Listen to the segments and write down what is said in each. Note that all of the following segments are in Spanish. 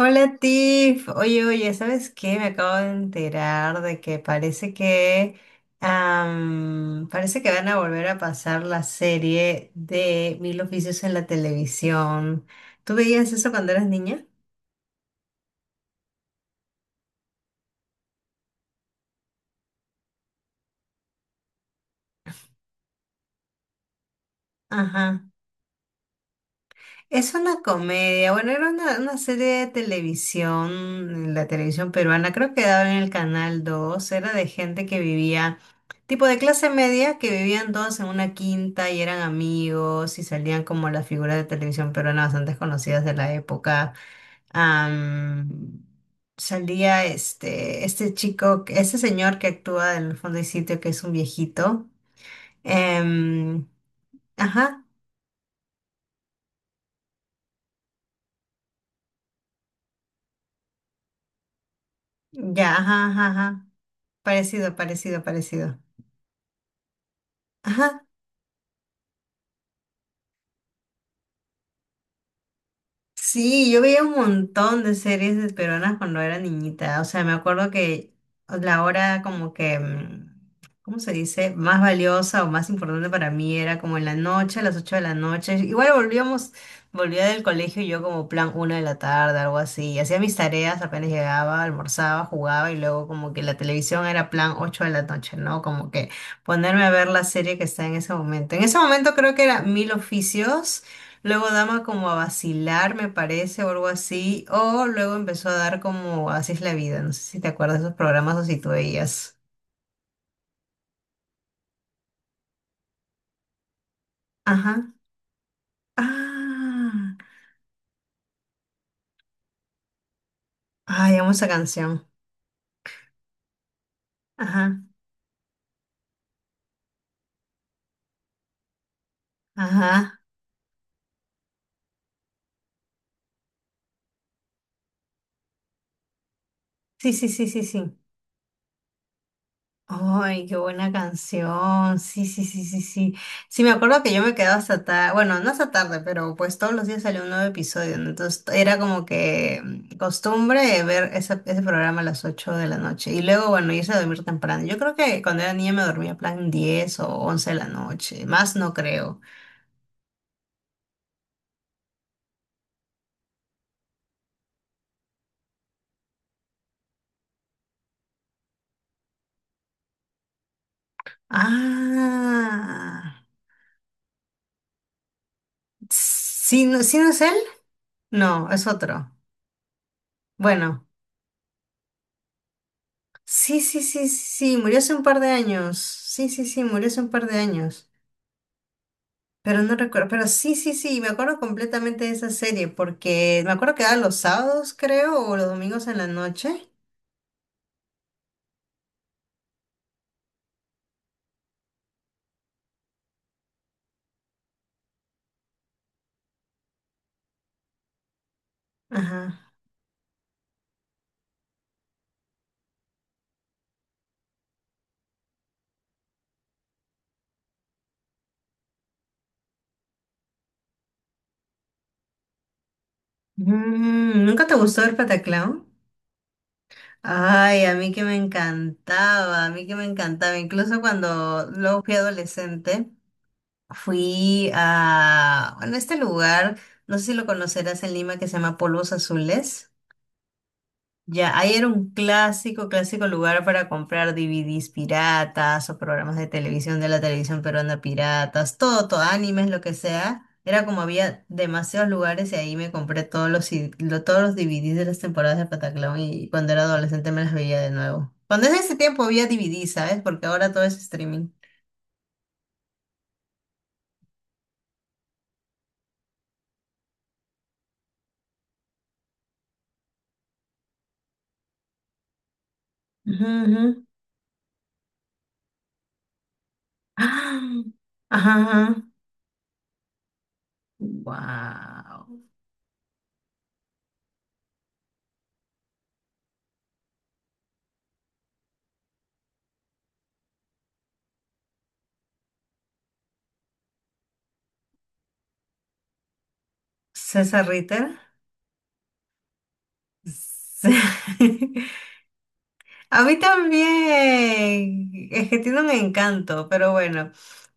Hola Tiff, oye, oye, ¿sabes qué? Me acabo de enterar de que parece que parece que van a volver a pasar la serie de Mil Oficios en la televisión. ¿Tú veías eso cuando eras niña? Ajá. Es una comedia, bueno, era una serie de televisión, en la televisión peruana, creo que daba en el canal 2. Era de gente que vivía, tipo de clase media, que vivían todos en una quinta y eran amigos y salían como las figuras de televisión peruana bastante conocidas de la época. Am, Salía este chico, este señor que actúa en el fondo del sitio, que es un viejito. Em, ajá, ya, ajá, ajá, ajá. Parecido, parecido, parecido. Ajá. Sí, yo veía un montón de series de peruanas cuando era niñita. O sea, me acuerdo que la hora como que, ¿cómo se dice? Más valiosa o más importante para mí era como en la noche, a las 8 de la noche. Volvía del colegio y yo como plan una de la tarde, algo así. Hacía mis tareas, apenas llegaba, almorzaba, jugaba y luego como que la televisión era plan 8 de la noche, ¿no? Como que ponerme a ver la serie que está en ese momento. En ese momento creo que era Mil Oficios. Luego daba como a vacilar, me parece, o algo así. O luego empezó a dar como Así es la vida. No sé si te acuerdas de esos programas o si tú veías. Ajá. Ah. Ay, amo esa canción. Ajá. Ajá. Sí, sí, sí, sí, sí. Ay, qué buena canción. Sí, sí, sí, sí, sí. Sí, me acuerdo que yo me quedaba hasta tarde, bueno, no hasta tarde, pero pues todos los días salía un nuevo episodio, ¿no? Entonces era como que costumbre ver ese programa a las 8 de la noche y luego, bueno, irse a dormir temprano. Yo creo que cuando era niña me dormía plan 10 o once de la noche, más no creo. Ah, ¿sí, no, sí no es él? No, es otro. Bueno. Sí, sí, sí, sí, sí, murió hace un par de años. Sí, sí, sí, murió hace un par de años. Pero no recuerdo, pero sí, sí, sí, me acuerdo completamente de esa serie porque me acuerdo que era los sábados, creo, o los domingos en la noche. Ajá. Mm, ¿nunca te gustó el Pataclown? Ay, a mí que me encantaba, a mí que me encantaba. Incluso cuando luego fui adolescente, fui a, bueno, este lugar, no sé si lo conocerás en Lima, que se llama Polvos Azules. Ya, ahí era un clásico, clásico lugar para comprar DVDs piratas o programas de televisión de la televisión peruana piratas, todo, todo, animes, lo que sea. Era como había demasiados lugares y ahí me compré todos todos los DVDs de las temporadas de Pataclown y cuando era adolescente me las veía de nuevo. Cuando en ese tiempo había DVDs, ¿sabes? Porque ahora todo es streaming. Ujú, ujú. ¡Ah! Ajá, ajá. Wow. César Ritter. Sí. A mí también, es que tiene un encanto, pero bueno,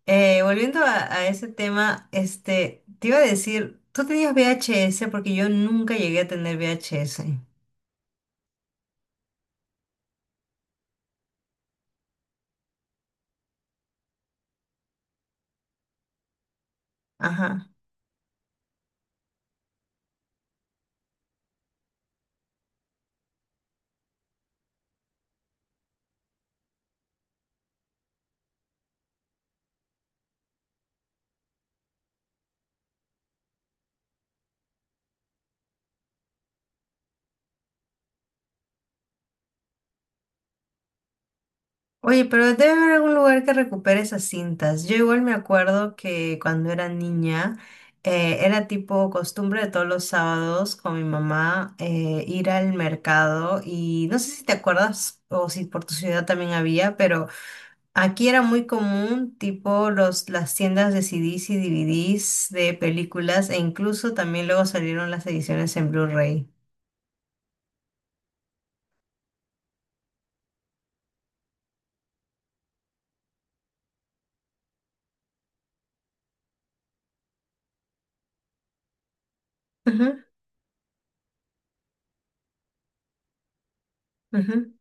volviendo a ese tema, este, te iba a decir, tú tenías VHS porque yo nunca llegué a tener VHS. Ajá. Oye, pero debe haber algún lugar que recupere esas cintas. Yo igual me acuerdo que cuando era niña, era tipo costumbre de todos los sábados con mi mamá ir al mercado y no sé si te acuerdas o si por tu ciudad también había, pero aquí era muy común, tipo las tiendas de CDs y DVDs de películas, e incluso también luego salieron las ediciones en Blu-ray. Ujú, ujú,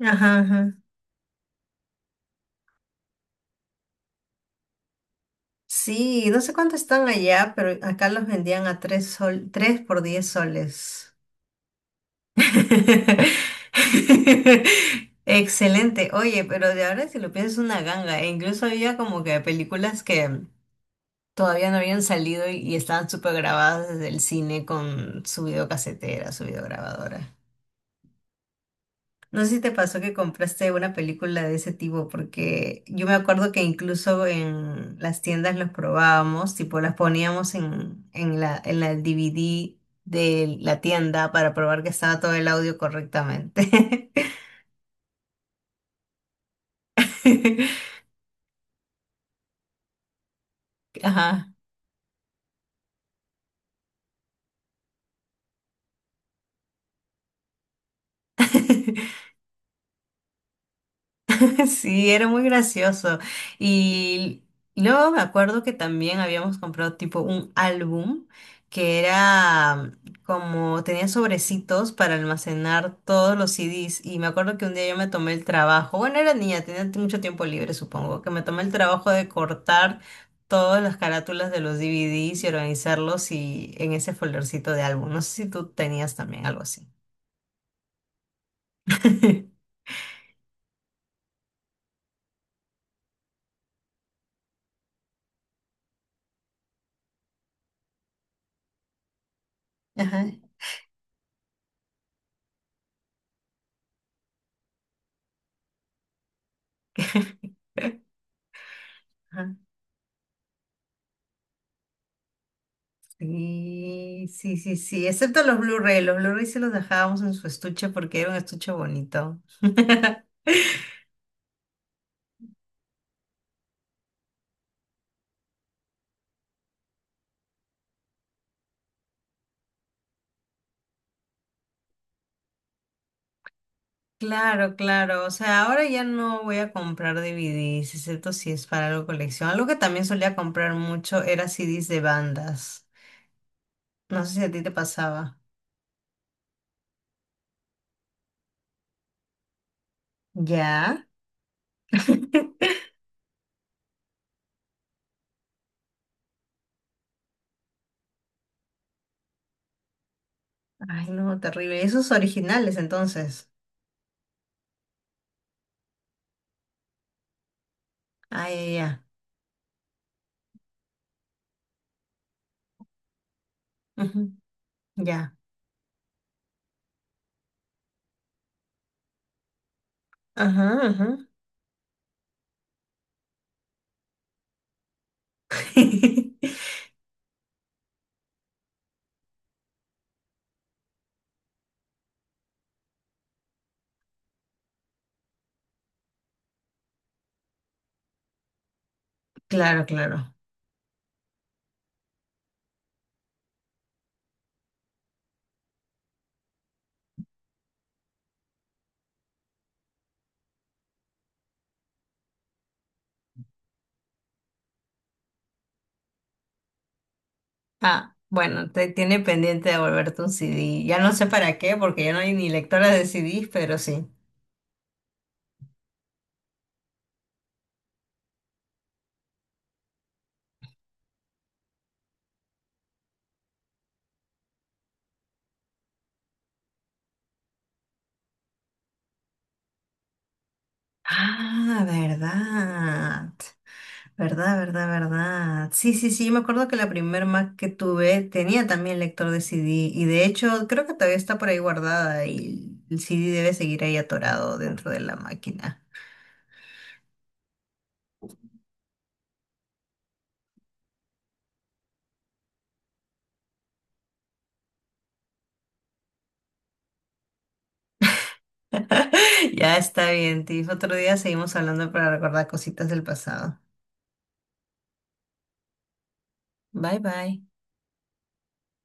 ajá, ajá. Sí, no sé cuánto están allá, pero acá los vendían a 3 sol, 3 por 10 soles. Excelente. Oye, pero de ahora si lo piensas es una ganga. E incluso había como que películas que todavía no habían salido y estaban súper grabadas desde el cine con su videocasetera, su videograbadora. No sé si te pasó que compraste una película de ese tipo, porque yo me acuerdo que incluso en las tiendas los probábamos, tipo las poníamos en la DVD de la tienda para probar que estaba todo el audio correctamente. Ajá. Sí, era muy gracioso. Y luego me acuerdo que también habíamos comprado tipo un álbum que era como tenía sobrecitos para almacenar todos los CDs. Y me acuerdo que un día yo me tomé el trabajo, bueno, era niña, tenía mucho tiempo libre, supongo, que me tomé el trabajo de cortar todas las carátulas de los DVDs y organizarlos y en ese foldercito de álbum. No sé si tú tenías también algo así. Ajá. Sí, sí, sí, sí, excepto los Blu-ray sí los dejábamos en su estuche porque era un estuche bonito. Claro, claro, o sea, ahora ya no voy a comprar DVDs, excepto si es para algo de colección. Algo que también solía comprar mucho era CDs de bandas. No sé si a ti te pasaba. ¿Ya? Ay, no, terrible. Esos originales, entonces. Ay, ya. Ya. Ujú, ya. Ajá, ajá. Claro, claro. Ah, bueno, te tiene pendiente de volverte un CD. Ya no sé para qué, porque ya no hay ni lectora de CDs, pero sí. Ah, verdad. Verdad, verdad, verdad. Sí, sí, sí, yo me acuerdo que la primer Mac que tuve tenía también lector de CD y de hecho creo que todavía está por ahí guardada y el CD debe seguir ahí atorado dentro de la máquina. Ya está bien, Tiff. Otro día seguimos hablando para recordar cositas del pasado. Bye, bye.